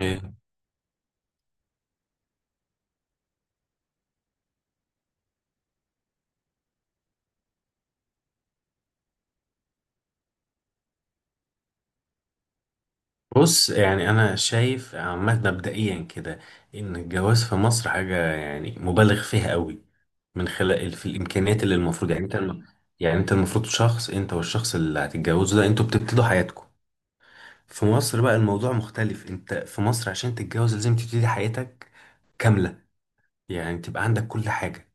إيه. بص، يعني انا شايف عامه مبدئيا كده ان الجواز في مصر حاجه يعني مبالغ فيها قوي من خلال في الامكانيات اللي المفروض يعني يعني انت المفروض شخص، انت والشخص اللي هتتجوزه ده انتوا بتبتدوا حياتكم. في مصر بقى الموضوع مختلف، انت في مصر عشان تتجوز لازم تبتدي حياتك كامله. يعني تبقى عندك كل حاجه،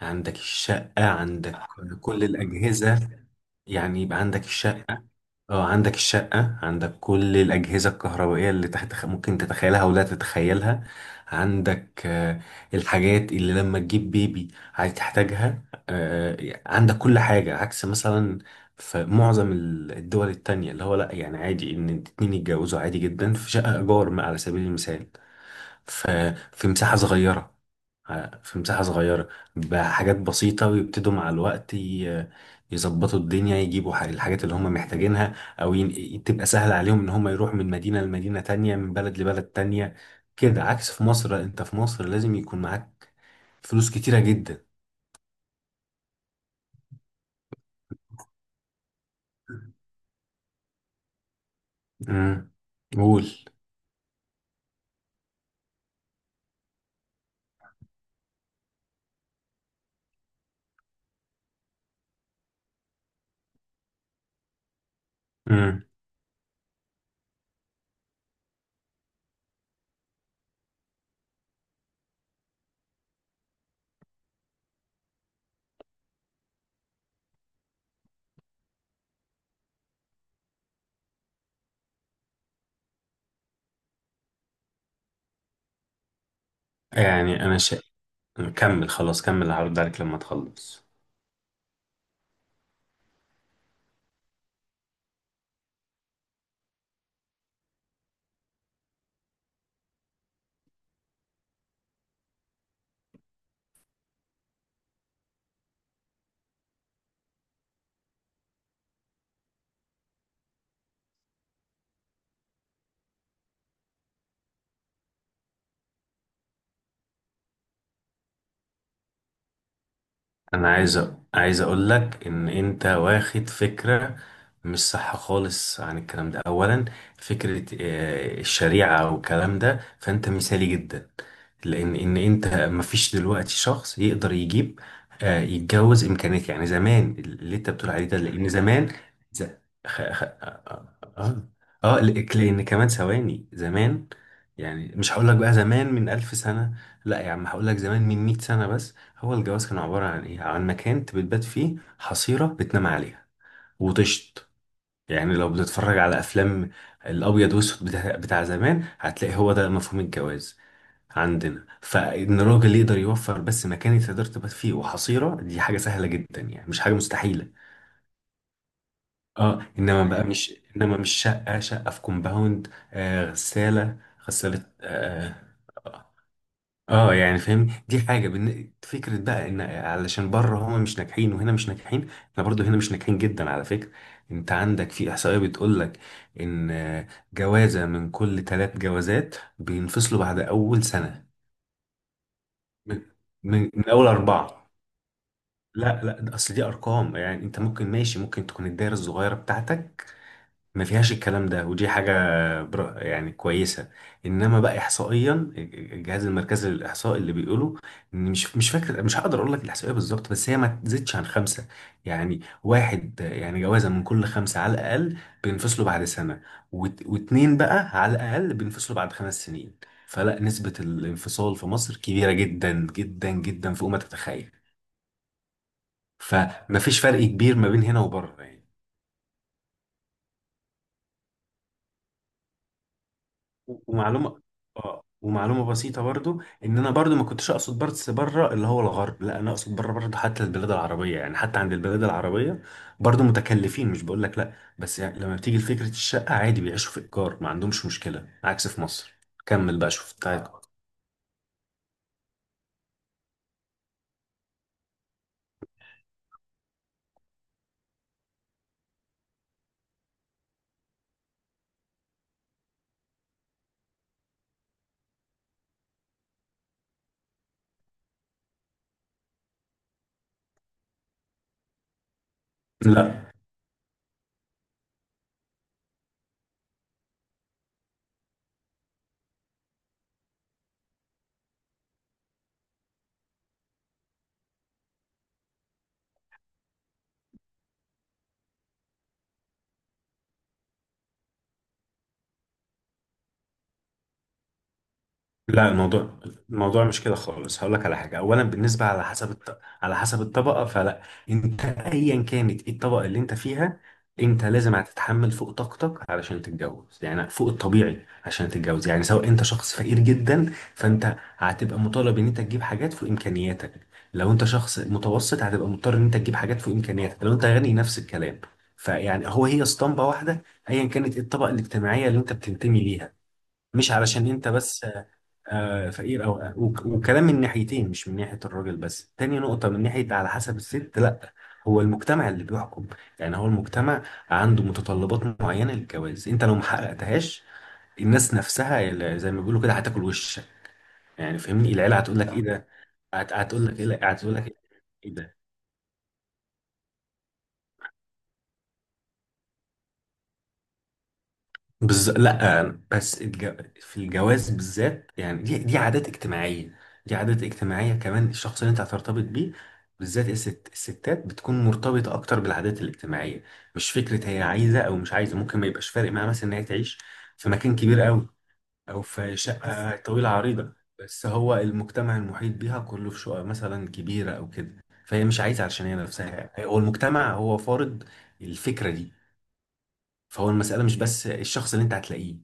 عندك الشقه، عندك كل الاجهزه. يعني يبقى عندك الشقة، اه عندك الشقة، عندك كل الأجهزة الكهربائية اللي تحت ممكن تتخيلها ولا تتخيلها. عندك الحاجات اللي لما تجيب بيبي هتحتاجها. عندك كل حاجة، عكس مثلا في معظم الدول التانية، اللي هو لأ، يعني عادي إن اتنين يتجوزوا عادي جدا في شقة إيجار على سبيل المثال. ف- في مساحة صغيرة، في مساحة صغيرة بحاجات بسيطة، ويبتدوا مع الوقت يظبطوا الدنيا، يجيبوا الحاجات اللي هم محتاجينها، أو تبقى سهل عليهم إن هم يروحوا من مدينة لمدينة تانية، من بلد لبلد تانية. كده عكس في مصر، لأ، أنت في مصر لازم يكون معاك فلوس كتيرة جدا. امم قول. امم يعني أنا شا... كمل، خلاص كمل، هرد عليك لما تخلص. انا عايز اقول لك ان انت واخد فكره مش صح خالص عن الكلام ده اولا. فكره الشريعه والكلام ده، فانت مثالي جدا، لان ان انت مفيش دلوقتي شخص يقدر يجيب يتجوز امكانيات، يعني زمان اللي انت بتقول عليه ده، لان زمان ز... خ... خ... اه اه آه، لك- لان كمان ثواني، زمان يعني، مش هقول لك بقى زمان من ألف سنه، لا يا عم، هقول لك زمان من 100 سنه بس. هو الجواز كان عبارة عن إيه؟ عن مكان أنت بتبات فيه، حصيرة بتنام عليها وتشط. يعني لو بتتفرج على أفلام الأبيض وأسود بتاع زمان، هتلاقي هو ده مفهوم الجواز عندنا. فإن الراجل يقدر يوفر بس مكان تقدر تبات فيه وحصيرة، دي حاجة سهلة جدا يعني، مش حاجة مستحيلة. اه، إنما بقى تمام، مش إنما، مش شقة، شقة في كومباوند، غسالة، غسالة اه. يعني فاهم، دي حاجه فكره بقى ان علشان بره هما مش ناجحين وهنا مش ناجحين، احنا برضو هنا مش ناجحين جدا على فكره. انت عندك في احصائيه بتقول لك ان جوازه من كل 3 جوازات بينفصلوا بعد اول سنه. من من اول اربعه. لا لا، ده اصل دي ارقام، يعني انت ممكن ماشي، ممكن تكون الدايره الصغيره بتاعتك ما فيهاش الكلام ده، ودي حاجة يعني كويسة. انما بقى احصائيا الجهاز المركزي للاحصاء اللي بيقوله ان مش فاكر، مش هقدر اقول لك الاحصائية بالظبط، بس هي ما تزيدش عن خمسة، يعني واحد، يعني جوازة من كل خمسة على الاقل بينفصلوا بعد سنة، واتنين بقى على الاقل بينفصلوا بعد 5 سنين. فلا، نسبة الانفصال في مصر كبيرة جدا جدا جدا، فوق ما تتخيل. فما فيش فرق كبير ما بين هنا وبره يعني. ومعلومه اه ومعلومه بسيطه برضو، ان انا برضو ما كنتش اقصد بس بره اللي هو الغرب، لا، انا اقصد بره برضو، حتى البلاد العربيه، يعني حتى عند البلاد العربيه برضو متكلفين، مش بقول لك لا، بس يعني لما بتيجي لفكره الشقه، عادي بيعيشوا في ايجار، ما عندهمش مشكله، عكس في مصر. كمل بقى، شوف، تعال. لا لا، الموضوع مش كده خالص. هقول لك على حاجه، اولا بالنسبه على حسب على حسب الطبقه، فلا، انت ايا كانت ايه الطبقه اللي انت فيها، انت لازم هتتحمل فوق طاقتك علشان تتجوز، يعني فوق الطبيعي عشان تتجوز، يعني سواء انت شخص فقير جدا، فانت هتبقى مطالب ان انت تجيب حاجات فوق امكانياتك، لو انت شخص متوسط هتبقى مضطر ان انت تجيب حاجات فوق امكانياتك، لو انت غني نفس الكلام. فيعني هو هي اسطمبه واحده، ايا كانت ايه الطبقه الاجتماعيه اللي انت بتنتمي ليها، مش علشان انت بس آه فقير او وكلام، من ناحيتين، مش من ناحيه الراجل بس، تاني نقطه من ناحيه على حسب الست، لا، هو المجتمع اللي بيحكم، يعني هو المجتمع عنده متطلبات معينه للجواز، انت لو ما حققتهاش الناس نفسها اللي زي ما بيقولوا كده هتاكل وشك. يعني فاهمني، العيله هتقول لك ايه ده، هتقول لك ايه، هتقول لك ايه ده. لا بس في الجواز بالذات، يعني دي عادات اجتماعيه، دي عادات اجتماعيه. كمان الشخص اللي انت هترتبط بيه بالذات، الستات بتكون مرتبطه اكتر بالعادات الاجتماعيه، مش فكره هي عايزه او مش عايزه. ممكن ما يبقاش فارق معاها مثلا ان هي تعيش في مكان كبير قوي، او في شقه طويله عريضه، بس هو المجتمع المحيط بيها كله في شقه مثلا كبيره او كده، فهي مش عايزه، علشان هي نفسها، هو المجتمع هو فارض الفكره دي. فهو المساله مش بس الشخص اللي انت هتلاقيه.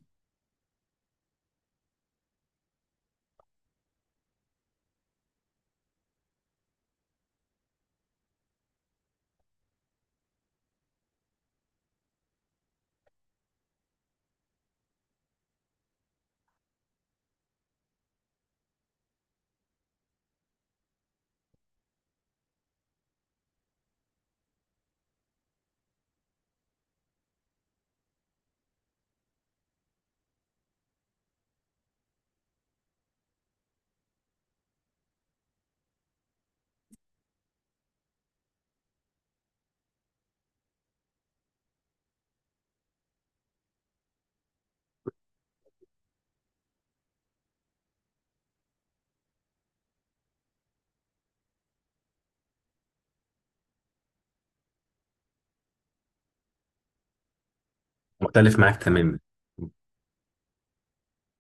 مختلف معاك تماما.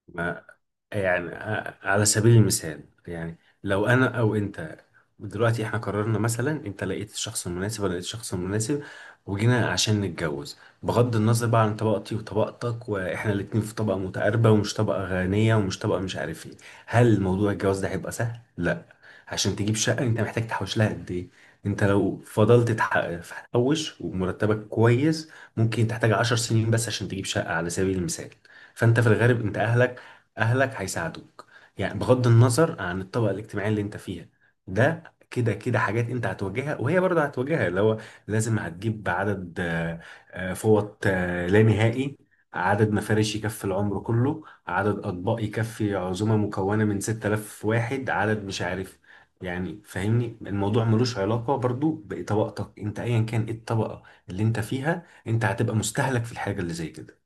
ما، يعني على سبيل المثال، يعني لو انا او انت دلوقتي احنا قررنا، مثلا انت لقيت الشخص المناسب ولا لقيت الشخص المناسب، وجينا عشان نتجوز، بغض النظر بقى عن طبقتي وطبقتك، واحنا الاتنين في طبقة متقاربة ومش طبقة غنية ومش طبقة مش عارف ايه، هل موضوع الجواز ده هيبقى سهل؟ لا. عشان تجيب شقة انت محتاج تحوش لها قد ايه؟ انت لو فضلت تحوش ومرتبك كويس، ممكن تحتاج 10 سنين بس عشان تجيب شقة على سبيل المثال. فانت في الغالب انت اهلك هيساعدوك، يعني بغض النظر عن الطبقه الاجتماعيه اللي انت فيها ده، كده كده حاجات انت هتواجهها وهي برضه هتواجهها، اللي هو لازم هتجيب عدد فوط لا نهائي، عدد مفارش يكفي العمر كله، عدد اطباق يكفي عزومه مكونه من 6000 واحد، عدد مش عارف. يعني فاهمني، الموضوع ملوش علاقه برضو بطبقتك، انت ايا كان ايه الطبقه اللي انت فيها انت هتبقى مستهلك في الحاجه اللي زي كده.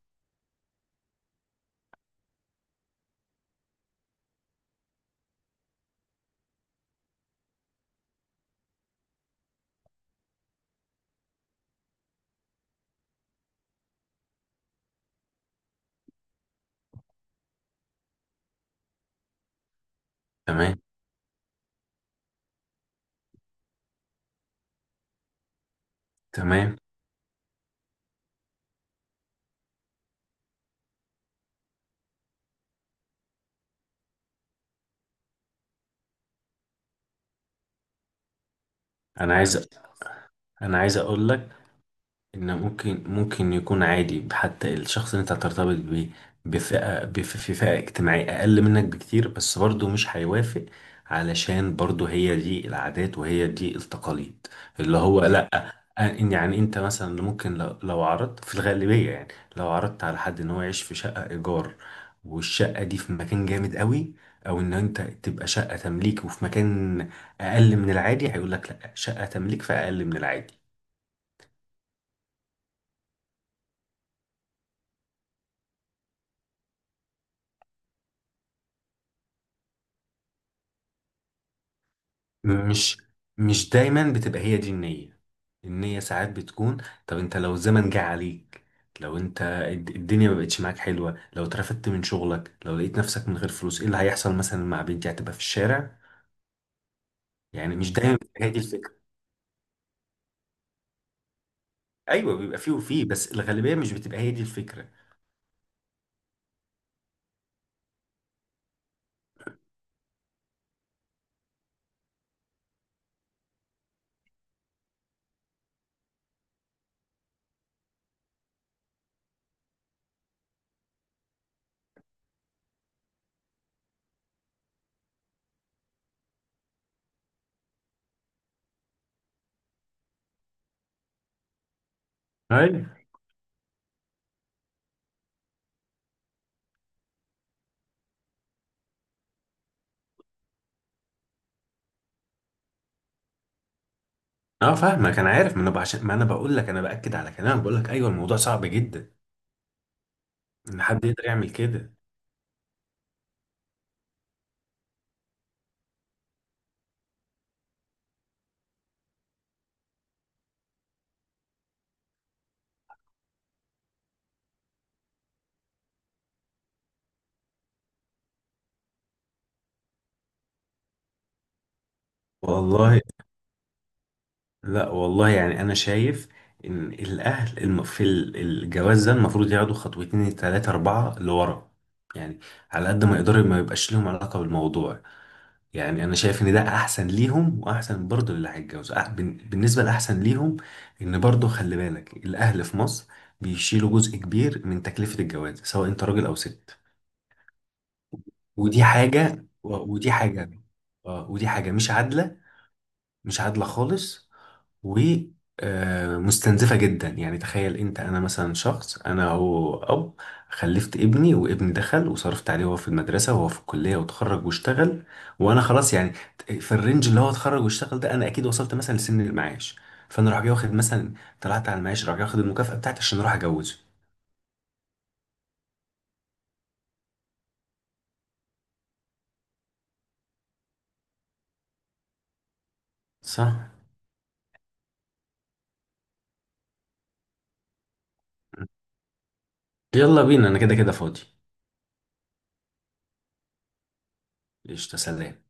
تمام، تمام. انا عايز، انا عايز اقول لك ان ممكن، ممكن يكون عادي حتى الشخص اللي انت هترتبط بيه في فئة اجتماعية اقل منك بكتير، بس برضه مش هيوافق، علشان برضه هي دي العادات وهي دي التقاليد، اللي هو لا، إن يعني انت مثلا ممكن، لو عرضت، في الغالبية يعني، لو عرضت على حد ان هو يعيش في شقة ايجار والشقة دي في مكان جامد قوي، او ان انت تبقى شقة تمليك وفي مكان اقل من العادي، هيقول لك لا، شقة تمليك فاقل من العادي. مش مش دايما بتبقى هي دي النية، النية ساعات بتكون، طب انت لو الزمن جه عليك، لو انت الدنيا ما بقتش معاك حلوة، لو اترفدت من شغلك، لو لقيت نفسك من غير فلوس، ايه اللي هيحصل مثلا مع بنتي؟ هتبقى في الشارع. يعني مش دايما بتبقى هي دي الفكرة. ايوه، بيبقى فيه وفيه، بس الغالبية مش بتبقى هي دي الفكرة. ايوه، اه فاهمك، انا عارف، ما انا عشان ما انا بقول لك، انا باكد على كلامك، بقول لك ايوه الموضوع صعب جدا ان حد يقدر يعمل كده. والله. لا والله، يعني انا شايف ان الاهل الجواز ده المفروض ياخدوا خطوتين، ثلاثة، اربعة لورا، يعني على قد ما يقدروا ما يبقاش لهم علاقة بالموضوع. يعني انا شايف ان ده احسن ليهم واحسن برضه للي هيتجوز، بالنسبة لاحسن ليهم، ان برضه خلي بالك الاهل في مصر بيشيلوا جزء كبير من تكلفة الجواز، سواء انت راجل او ست. ودي حاجة ودي حاجة، اه ودي حاجة مش عادلة، مش عادلة خالص، ومستنزفة جدا. يعني تخيل انت، انا مثلا شخص، انا هو اب، خلفت ابني وابني دخل وصرفت عليه وهو في المدرسة وهو في الكلية وتخرج واشتغل، وانا خلاص، يعني في الرينج اللي هو اتخرج واشتغل ده انا اكيد وصلت مثلا لسن المعاش، فانا راح جاي واخد مثلا، طلعت على المعاش راح جاي واخد المكافأة بتاعتي عشان اروح اجوزه. صح. يلا بينا، انا كده كده فاضي. قشطة، سلام.